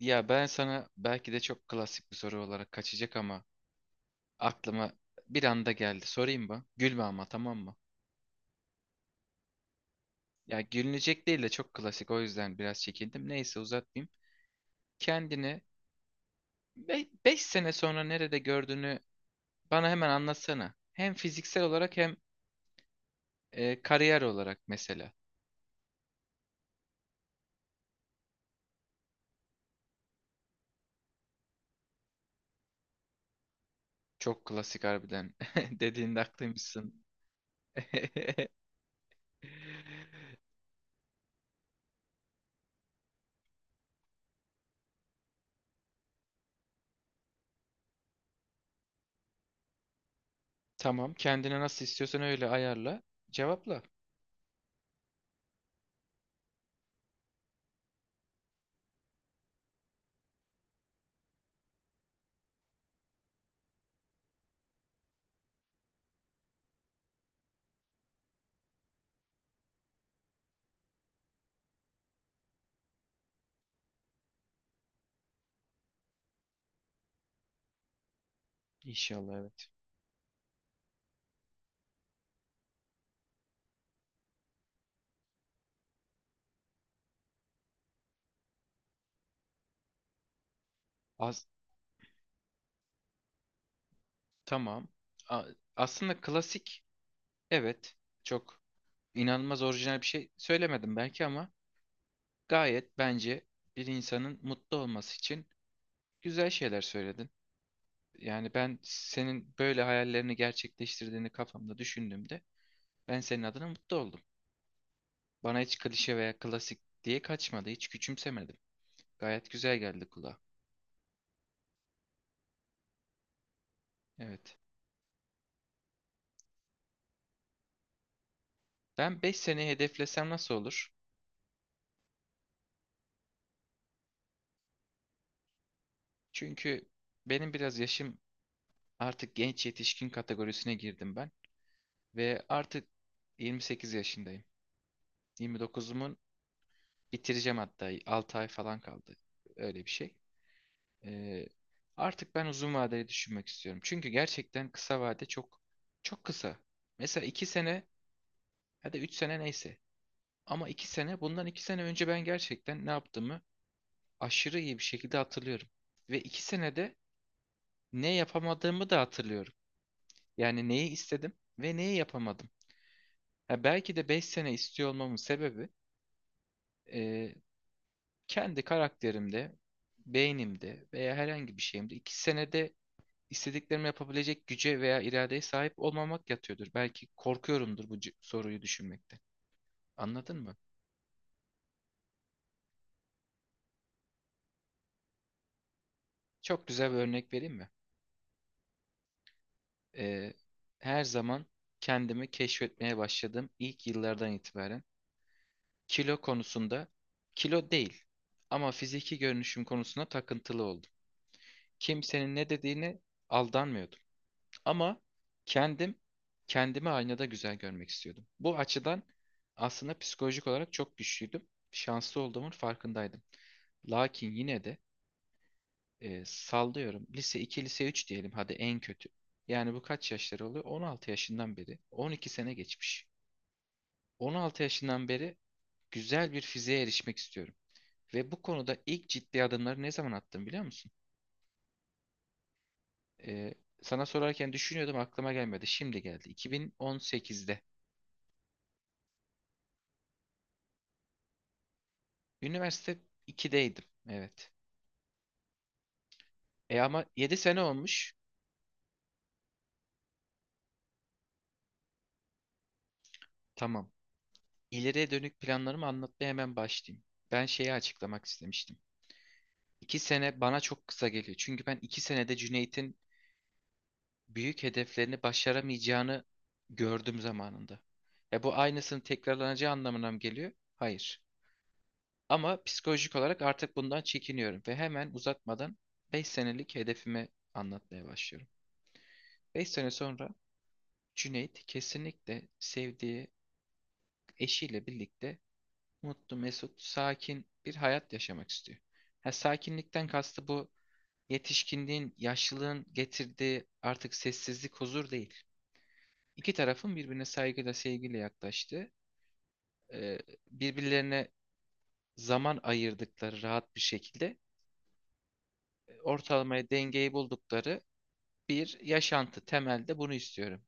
Ya ben sana belki de çok klasik bir soru olarak kaçacak ama aklıma bir anda geldi. Sorayım mı? Gülme ama tamam mı? Ya gülünecek değil de çok klasik o yüzden biraz çekindim. Neyse uzatmayayım. Kendini 5 sene sonra nerede gördüğünü bana hemen anlatsana. Hem fiziksel olarak hem kariyer olarak mesela. Çok klasik harbiden dediğinde haklıymışsın. Tamam kendine nasıl istiyorsan öyle ayarla. Cevapla. İnşallah evet. Az. Tamam. A- Aslında klasik, evet, çok inanılmaz orijinal bir şey söylemedim belki ama gayet bence bir insanın mutlu olması için güzel şeyler söyledin. Yani ben senin böyle hayallerini gerçekleştirdiğini kafamda düşündüğümde ben senin adına mutlu oldum. Bana hiç klişe veya klasik diye kaçmadı, hiç küçümsemedim. Gayet güzel geldi kulağa. Evet. Ben 5 seneyi hedeflesem nasıl olur? Çünkü benim biraz yaşım artık genç yetişkin kategorisine girdim ben. Ve artık 28 yaşındayım. 29'umun bitireceğim hatta 6 ay falan kaldı. Öyle bir şey. Ee, Artık ben uzun vadeli düşünmek istiyorum. Çünkü gerçekten kısa vade çok çok kısa. Mesela 2 sene ya da 3 sene neyse. Ama 2 sene, bundan 2 sene önce, ben gerçekten ne yaptığımı aşırı iyi bir şekilde hatırlıyorum. Ve 2 senede ne yapamadığımı da hatırlıyorum. Yani neyi istedim ve neyi yapamadım. Ha, belki de 5 sene istiyor olmamın sebebi e, kendi karakterimde, beynimde veya herhangi bir şeyimde iki senede istediklerimi yapabilecek güce veya iradeye sahip olmamak yatıyordur. Belki korkuyorumdur bu soruyu düşünmekte. Anladın mı? Çok güzel bir örnek vereyim mi? Ee, Her zaman kendimi keşfetmeye başladığım ilk yıllardan itibaren kilo konusunda, kilo değil ama fiziki görünüşüm konusunda takıntılı oldum. Kimsenin ne dediğine aldanmıyordum. Ama kendim kendimi aynada güzel görmek istiyordum. Bu açıdan aslında psikolojik olarak çok güçlüydüm. Şanslı olduğumun farkındaydım. Lakin yine de sallıyorum. Lise iki, lise 3 diyelim hadi en kötü. Yani bu kaç yaşları oluyor? 16 yaşından beri. 12 sene geçmiş. 16 yaşından beri güzel bir fiziğe erişmek istiyorum. Ve bu konuda ilk ciddi adımları ne zaman attım biliyor musun? E, Sana sorarken düşünüyordum, aklıma gelmedi. Şimdi geldi. 2018'de. Üniversite 2'deydim. Evet. E ama 7 sene olmuş. Tamam. İleriye dönük planlarımı anlatmaya hemen başlayayım. Ben şeyi açıklamak istemiştim. 2 sene bana çok kısa geliyor. Çünkü ben 2 senede Cüneyt'in büyük hedeflerini başaramayacağını gördüm zamanında. E bu aynısının tekrarlanacağı anlamına mı geliyor? Hayır. Ama psikolojik olarak artık bundan çekiniyorum ve hemen uzatmadan 5 senelik hedefimi anlatmaya başlıyorum. 5 sene sonra Cüneyt kesinlikle sevdiği eşiyle birlikte mutlu, mesut, sakin bir hayat yaşamak istiyor. Ha, sakinlikten kastı bu yetişkinliğin, yaşlılığın getirdiği artık sessizlik, huzur değil. İki tarafın birbirine saygıyla, sevgiyle yaklaştığı, e, birbirlerine zaman ayırdıkları rahat bir şekilde ortalamaya dengeyi buldukları bir yaşantı. Temelde bunu istiyorum.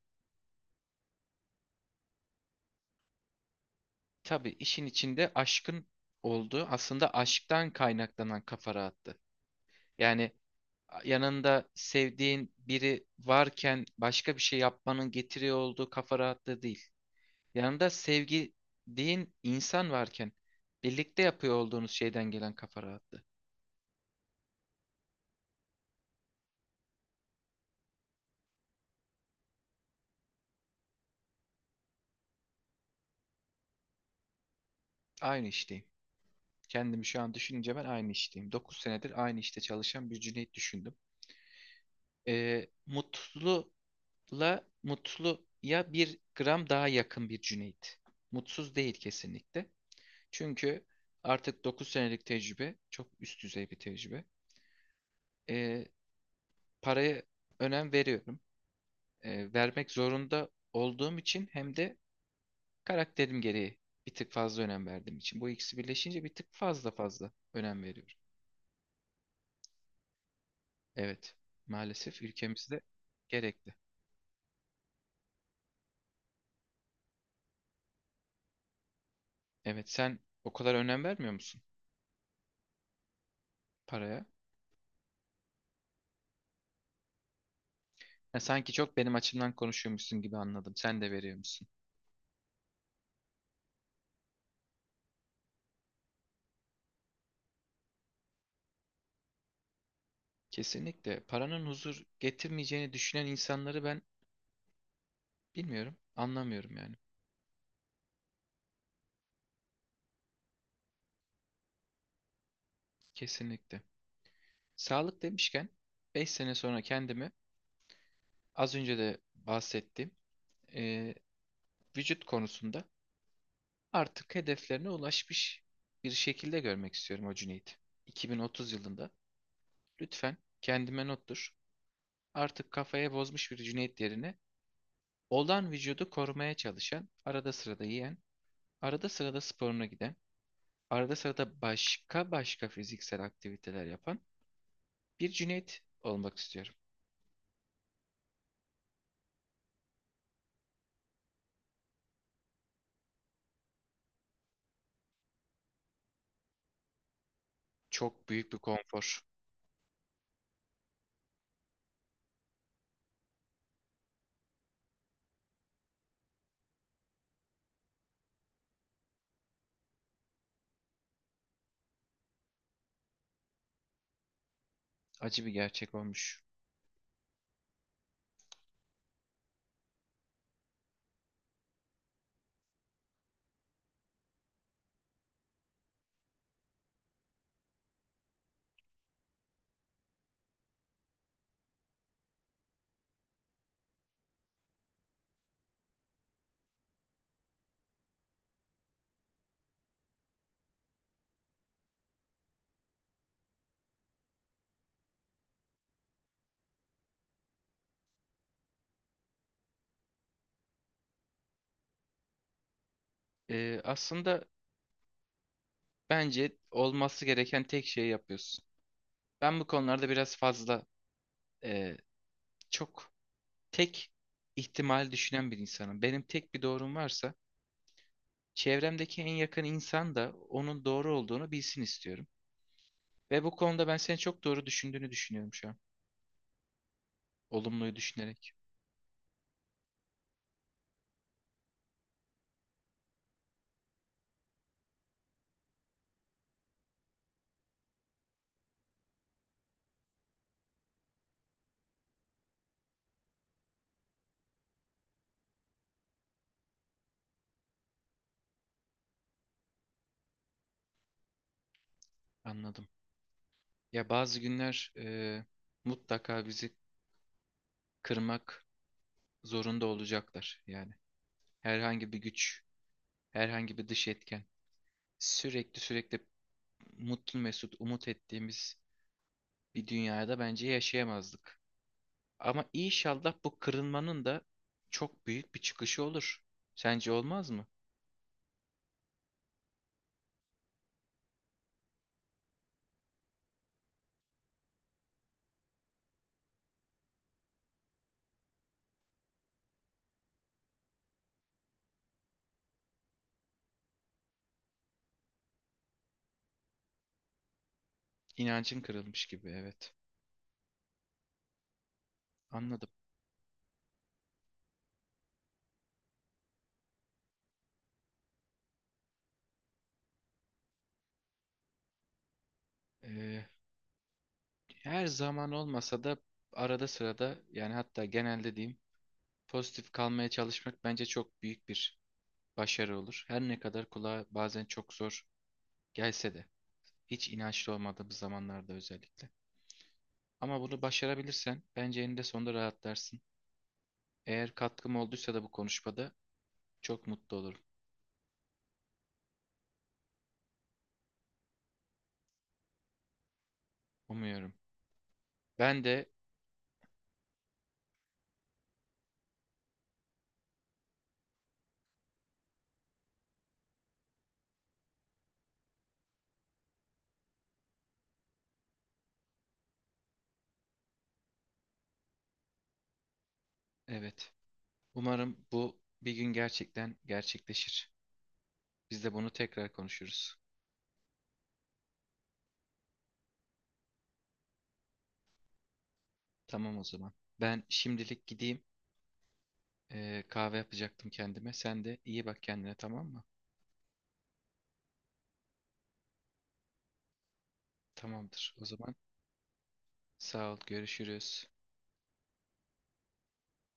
Tabii işin içinde aşkın olduğu, aslında aşktan kaynaklanan kafa rahattı. Yani yanında sevdiğin biri varken başka bir şey yapmanın getiriyor olduğu kafa rahatlığı değil. Yanında sevdiğin insan varken birlikte yapıyor olduğunuz şeyden gelen kafa rahatlığı. Aynı işteyim. Kendimi şu an düşününce ben aynı işteyim. 9 senedir aynı işte çalışan bir Cüneyt düşündüm. Mutlula Mutluya bir gram daha yakın bir Cüneyt. Mutsuz değil kesinlikle. Çünkü artık 9 senelik tecrübe çok üst düzey bir tecrübe. Ee, Paraya önem veriyorum. Vermek zorunda olduğum için, hem de karakterim gereği bir tık fazla önem verdiğim için. Bu ikisi birleşince bir tık fazla önem veriyorum. Evet, maalesef ülkemizde gerekli. Evet, sen o kadar önem vermiyor musun paraya? Ya sanki çok benim açımdan konuşuyormuşsun gibi anladım. Sen de veriyor musun? Kesinlikle. Paranın huzur getirmeyeceğini düşünen insanları ben bilmiyorum, anlamıyorum yani. Kesinlikle. Sağlık demişken 5 sene sonra kendimi, az önce de bahsettiğim e, vücut konusunda artık hedeflerine ulaşmış bir şekilde görmek istiyorum o Cüneyt. 2030 yılında, lütfen kendime nottur. Artık kafaya bozmuş bir Cüneyt yerine, olan vücudu korumaya çalışan, arada sırada yiyen, arada sırada sporuna giden, arada sırada başka başka fiziksel aktiviteler yapan bir Cüneyt olmak istiyorum. Çok büyük bir konfor, acı bir gerçek olmuş. Aslında bence olması gereken tek şeyi yapıyorsun. Ben bu konularda biraz fazla e, çok tek ihtimal düşünen bir insanım. Benim tek bir doğrum varsa çevremdeki en yakın insan da onun doğru olduğunu bilsin istiyorum. Ve bu konuda ben seni çok doğru düşündüğünü düşünüyorum şu an. Olumluyu düşünerek, anladım. Ya bazı günler mutlaka bizi kırmak zorunda olacaklar. Yani herhangi bir güç, herhangi bir dış etken sürekli mutlu mesut umut ettiğimiz bir dünyada bence yaşayamazdık. Ama inşallah bu kırılmanın da çok büyük bir çıkışı olur. Sence olmaz mı? İnancın kırılmış gibi, evet. Anladım. Ee, Her zaman olmasa da arada sırada, yani hatta genelde diyeyim, pozitif kalmaya çalışmak bence çok büyük bir başarı olur. Her ne kadar kulağa bazen çok zor gelse de, hiç inançlı olmadığımız zamanlarda özellikle. Ama bunu başarabilirsen bence eninde sonunda rahatlarsın. Eğer katkım olduysa da bu konuşmada çok mutlu olurum. Umuyorum. Ben de evet. Umarım bu bir gün gerçekten gerçekleşir. Biz de bunu tekrar konuşuruz. Tamam o zaman. Ben şimdilik gideyim. Kahve yapacaktım kendime. Sen de iyi bak kendine, tamam mı? Tamamdır. O zaman sağ ol. Görüşürüz.